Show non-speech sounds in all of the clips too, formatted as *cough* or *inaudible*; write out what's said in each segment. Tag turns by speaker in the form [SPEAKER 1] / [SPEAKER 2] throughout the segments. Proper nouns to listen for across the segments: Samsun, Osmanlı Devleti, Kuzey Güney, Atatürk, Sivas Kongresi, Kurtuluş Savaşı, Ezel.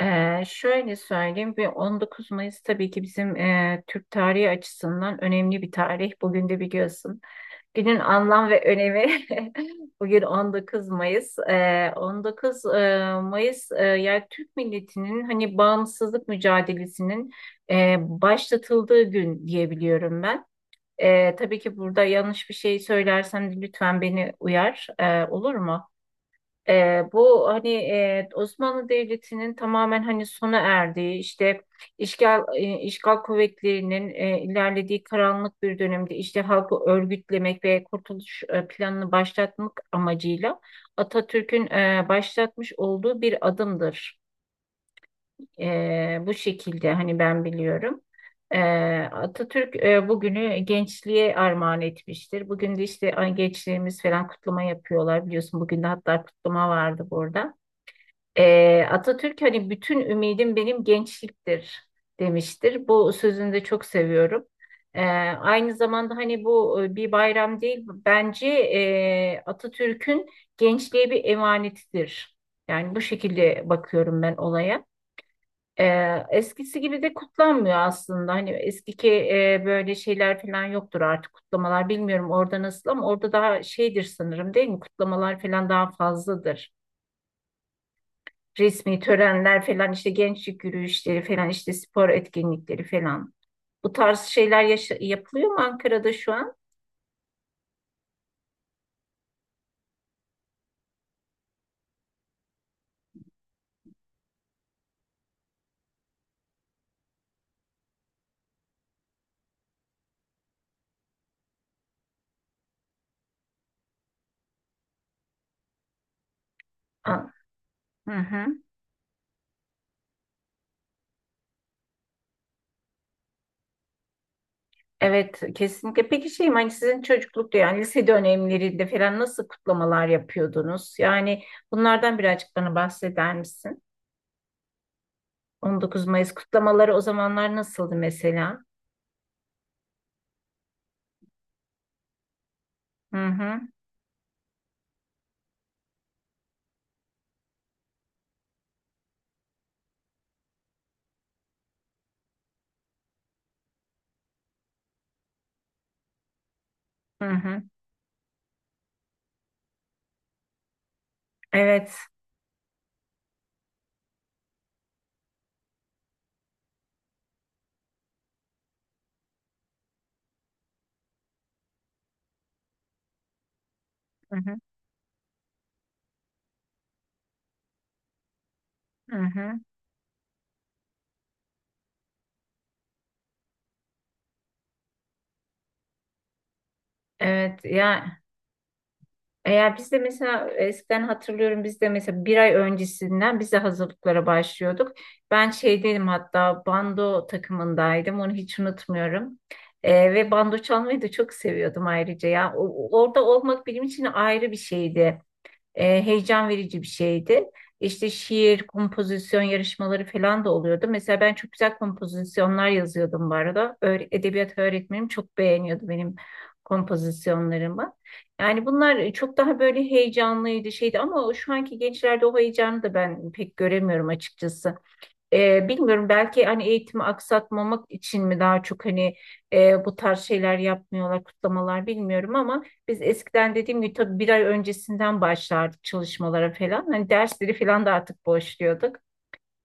[SPEAKER 1] Şöyle söyleyeyim ve 19 Mayıs tabii ki bizim Türk tarihi açısından önemli bir tarih. Bugün de biliyorsun. Günün anlam ve önemi *laughs* bugün 19 Mayıs. 19 Mayıs, yani Türk milletinin hani bağımsızlık mücadelesinin başlatıldığı gün diyebiliyorum ben. Tabii ki burada yanlış bir şey söylersem de lütfen beni uyar. Olur mu? Bu hani Osmanlı Devleti'nin tamamen hani sona erdiği işte işgal kuvvetlerinin ilerlediği karanlık bir dönemde işte halkı örgütlemek ve kurtuluş planını başlatmak amacıyla Atatürk'ün başlatmış olduğu bir adımdır. E, Bu şekilde hani ben biliyorum. E, Atatürk bugünü gençliğe armağan etmiştir. Bugün de işte ay, gençliğimiz falan kutlama yapıyorlar biliyorsun. Bugün de hatta kutlama vardı burada. Atatürk hani bütün ümidim benim gençliktir demiştir. Bu sözünü de çok seviyorum. Ee, Aynı zamanda hani bu bir bayram değil, bence Atatürk'ün gençliğe bir emanetidir. Yani bu şekilde bakıyorum ben olaya. Eskisi gibi de kutlanmıyor aslında. Hani eskiki böyle şeyler falan yoktur artık, kutlamalar. Bilmiyorum orada nasıl, ama orada daha şeydir sanırım, değil mi? Kutlamalar falan daha fazladır, resmi törenler falan, işte gençlik yürüyüşleri falan, işte spor etkinlikleri falan. Bu tarz şeyler yapılıyor mu Ankara'da şu an? Aa, hı hı. Evet, kesinlikle. Peki şeyim, hani sizin çocuklukta, yani lise dönemlerinde falan nasıl kutlamalar yapıyordunuz? Yani bunlardan birazcık bana bahseder misin? 19 Mayıs kutlamaları o zamanlar nasıldı mesela? Hı hı hı hı. Evet. Hı hı hı hı. Evet ya. Eğer biz de mesela, eskiden hatırlıyorum, biz de mesela bir ay öncesinden biz de hazırlıklara başlıyorduk. Ben şeydeydim, hatta bando takımındaydım, onu hiç unutmuyorum. Ve bando çalmayı da çok seviyordum ayrıca ya. Orada olmak benim için ayrı bir şeydi. Heyecan verici bir şeydi. İşte şiir, kompozisyon yarışmaları falan da oluyordu. Mesela ben çok güzel kompozisyonlar yazıyordum bu arada. Edebiyat öğretmenim çok beğeniyordu benim kompozisyonlarımı. Yani bunlar çok daha böyle heyecanlıydı şeydi, ama şu anki gençlerde o heyecanı da ben pek göremiyorum açıkçası. Bilmiyorum, belki hani eğitimi aksatmamak için mi daha çok hani bu tarz şeyler yapmıyorlar, kutlamalar bilmiyorum, ama biz eskiden dediğim gibi tabii bir ay öncesinden başlardık çalışmalara falan. Hani dersleri falan da artık boşluyorduk.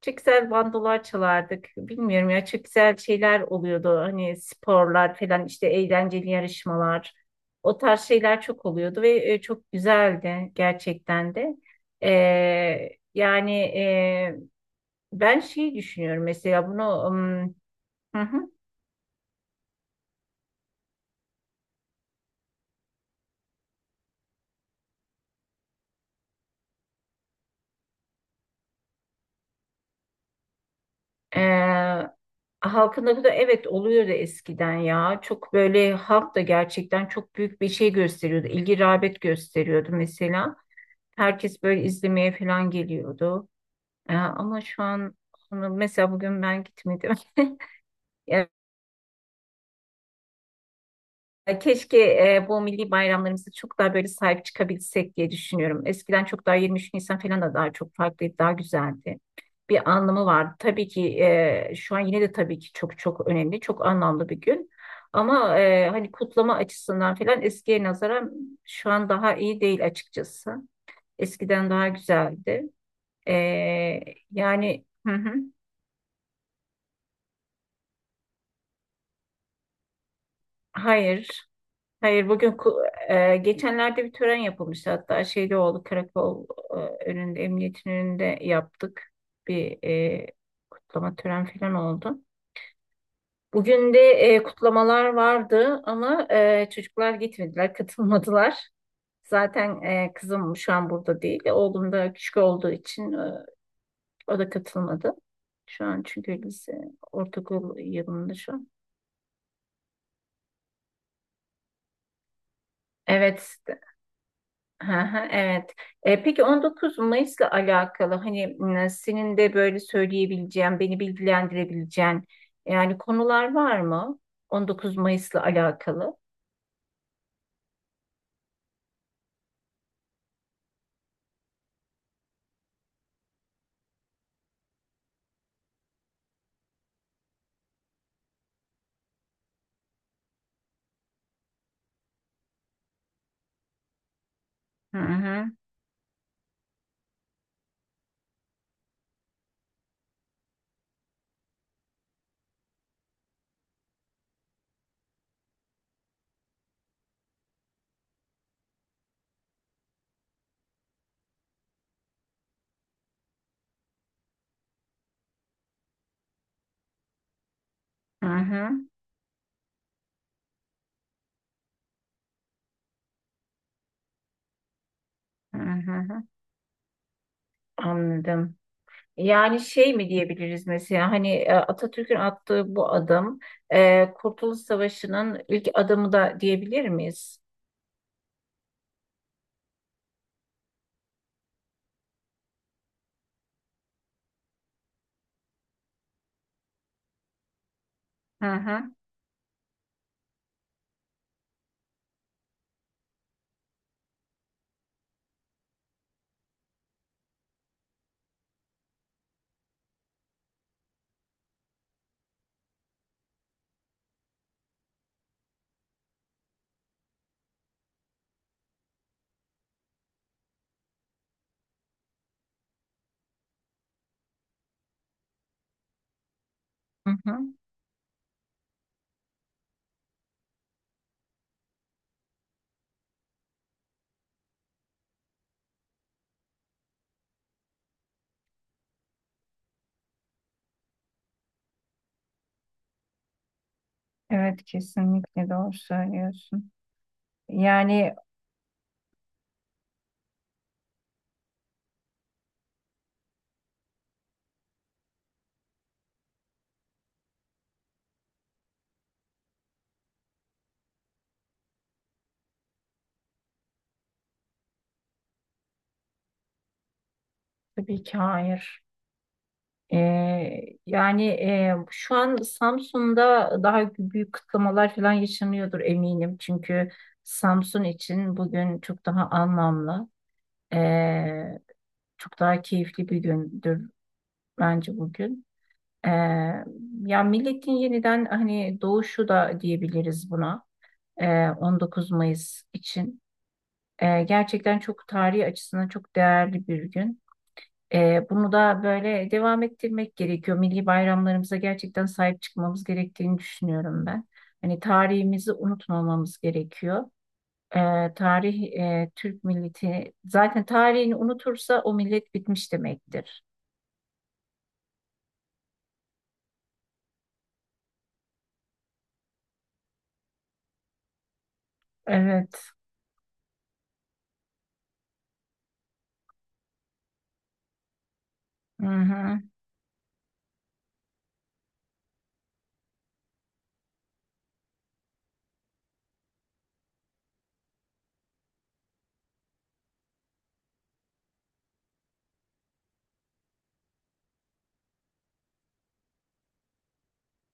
[SPEAKER 1] Çok güzel bandolar çalardık. Bilmiyorum ya, çok güzel şeyler oluyordu. Hani sporlar falan, işte eğlenceli yarışmalar. O tarz şeyler çok oluyordu ve çok güzeldi gerçekten de. E, Yani ben şeyi düşünüyorum mesela bunu. Hı hı. eee, Halkında bu da, evet, oluyordu eskiden ya. Çok böyle halk da gerçekten çok büyük bir şey gösteriyordu. İlgi, rağbet gösteriyordu mesela. Herkes böyle izlemeye falan geliyordu. Ama şu an onu mesela bugün ben gitmedim. *laughs* Keşke bu milli bayramlarımıza çok daha böyle sahip çıkabilsek diye düşünüyorum. Eskiden çok daha 23 Nisan falan da daha çok farklıydı, daha güzeldi. Bir anlamı vardı. Tabii ki şu an yine de tabii ki çok çok önemli, çok anlamlı bir gün. Ama hani kutlama açısından falan eskiye nazaran şu an daha iyi değil açıkçası. Eskiden daha güzeldi. E, Yani, hı hı. Hayır. Hayır, bugün geçenlerde bir tören yapılmıştı, hatta şeyde oldu, karakol e, önünde, emniyetin önünde yaptık bir kutlama tören falan oldu. Bugün de kutlamalar vardı, ama çocuklar gitmediler *laughs* katılmadılar. Zaten kızım şu an burada değil, oğlum da küçük olduğu için o da katılmadı. Şu an çünkü lise, ortaokul yılında şu an. Evet. Hı hı. Evet. Peki 19 Mayıs'la alakalı, hani, senin de böyle söyleyebileceğin, beni bilgilendirebileceğin, yani konular var mı? 19 Mayıs'la alakalı. Hı hı, hı hı, hı hı, hı. Anladım. Yani şey mi diyebiliriz mesela, hani Atatürk'ün attığı bu adım, Kurtuluş Savaşı'nın ilk adımı da diyebilir miyiz? Hı hı. Hı hı. Evet, kesinlikle doğru söylüyorsun. Yani, tabii ki hayır. Ee, Yani, şu an Samsun'da daha büyük kıtlamalar falan yaşanıyordur eminim. Çünkü Samsun için bugün çok daha anlamlı, ee, çok daha keyifli bir gündür bence bugün. Ee, Ya, milletin yeniden hani doğuşu da diyebiliriz buna. 19 Mayıs için. Gerçekten çok tarihi açısından çok değerli bir gün. Bunu da böyle devam ettirmek gerekiyor. Milli bayramlarımıza gerçekten sahip çıkmamız gerektiğini düşünüyorum ben. Hani tarihimizi unutmamamız gerekiyor. Tarih, Türk milleti zaten tarihini unutursa o millet bitmiş demektir. Evet. Hı hı.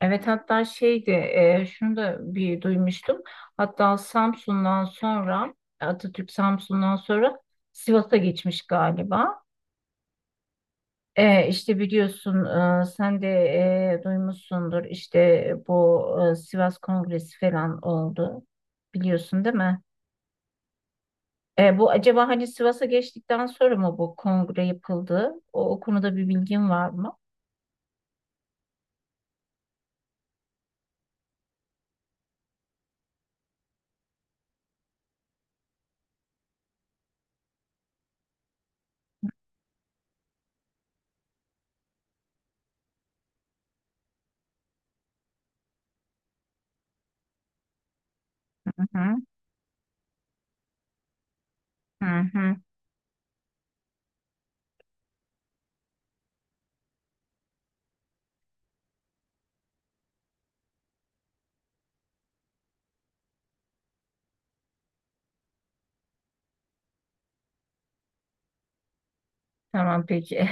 [SPEAKER 1] Evet, hatta şeydi, şunu da bir duymuştum. Hatta Samsun'dan sonra, Atatürk Samsun'dan sonra Sivas'a geçmiş galiba. İşte biliyorsun, sen de duymuşsundur, işte bu Sivas Kongresi falan oldu. Biliyorsun, değil mi? Bu acaba hani Sivas'a geçtikten sonra mı bu kongre yapıldı? O konuda bir bilgin var mı? Hı hı, hı hı. Tamam, peki.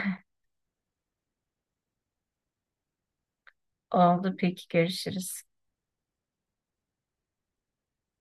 [SPEAKER 1] *laughs* Oldu, peki, görüşürüz.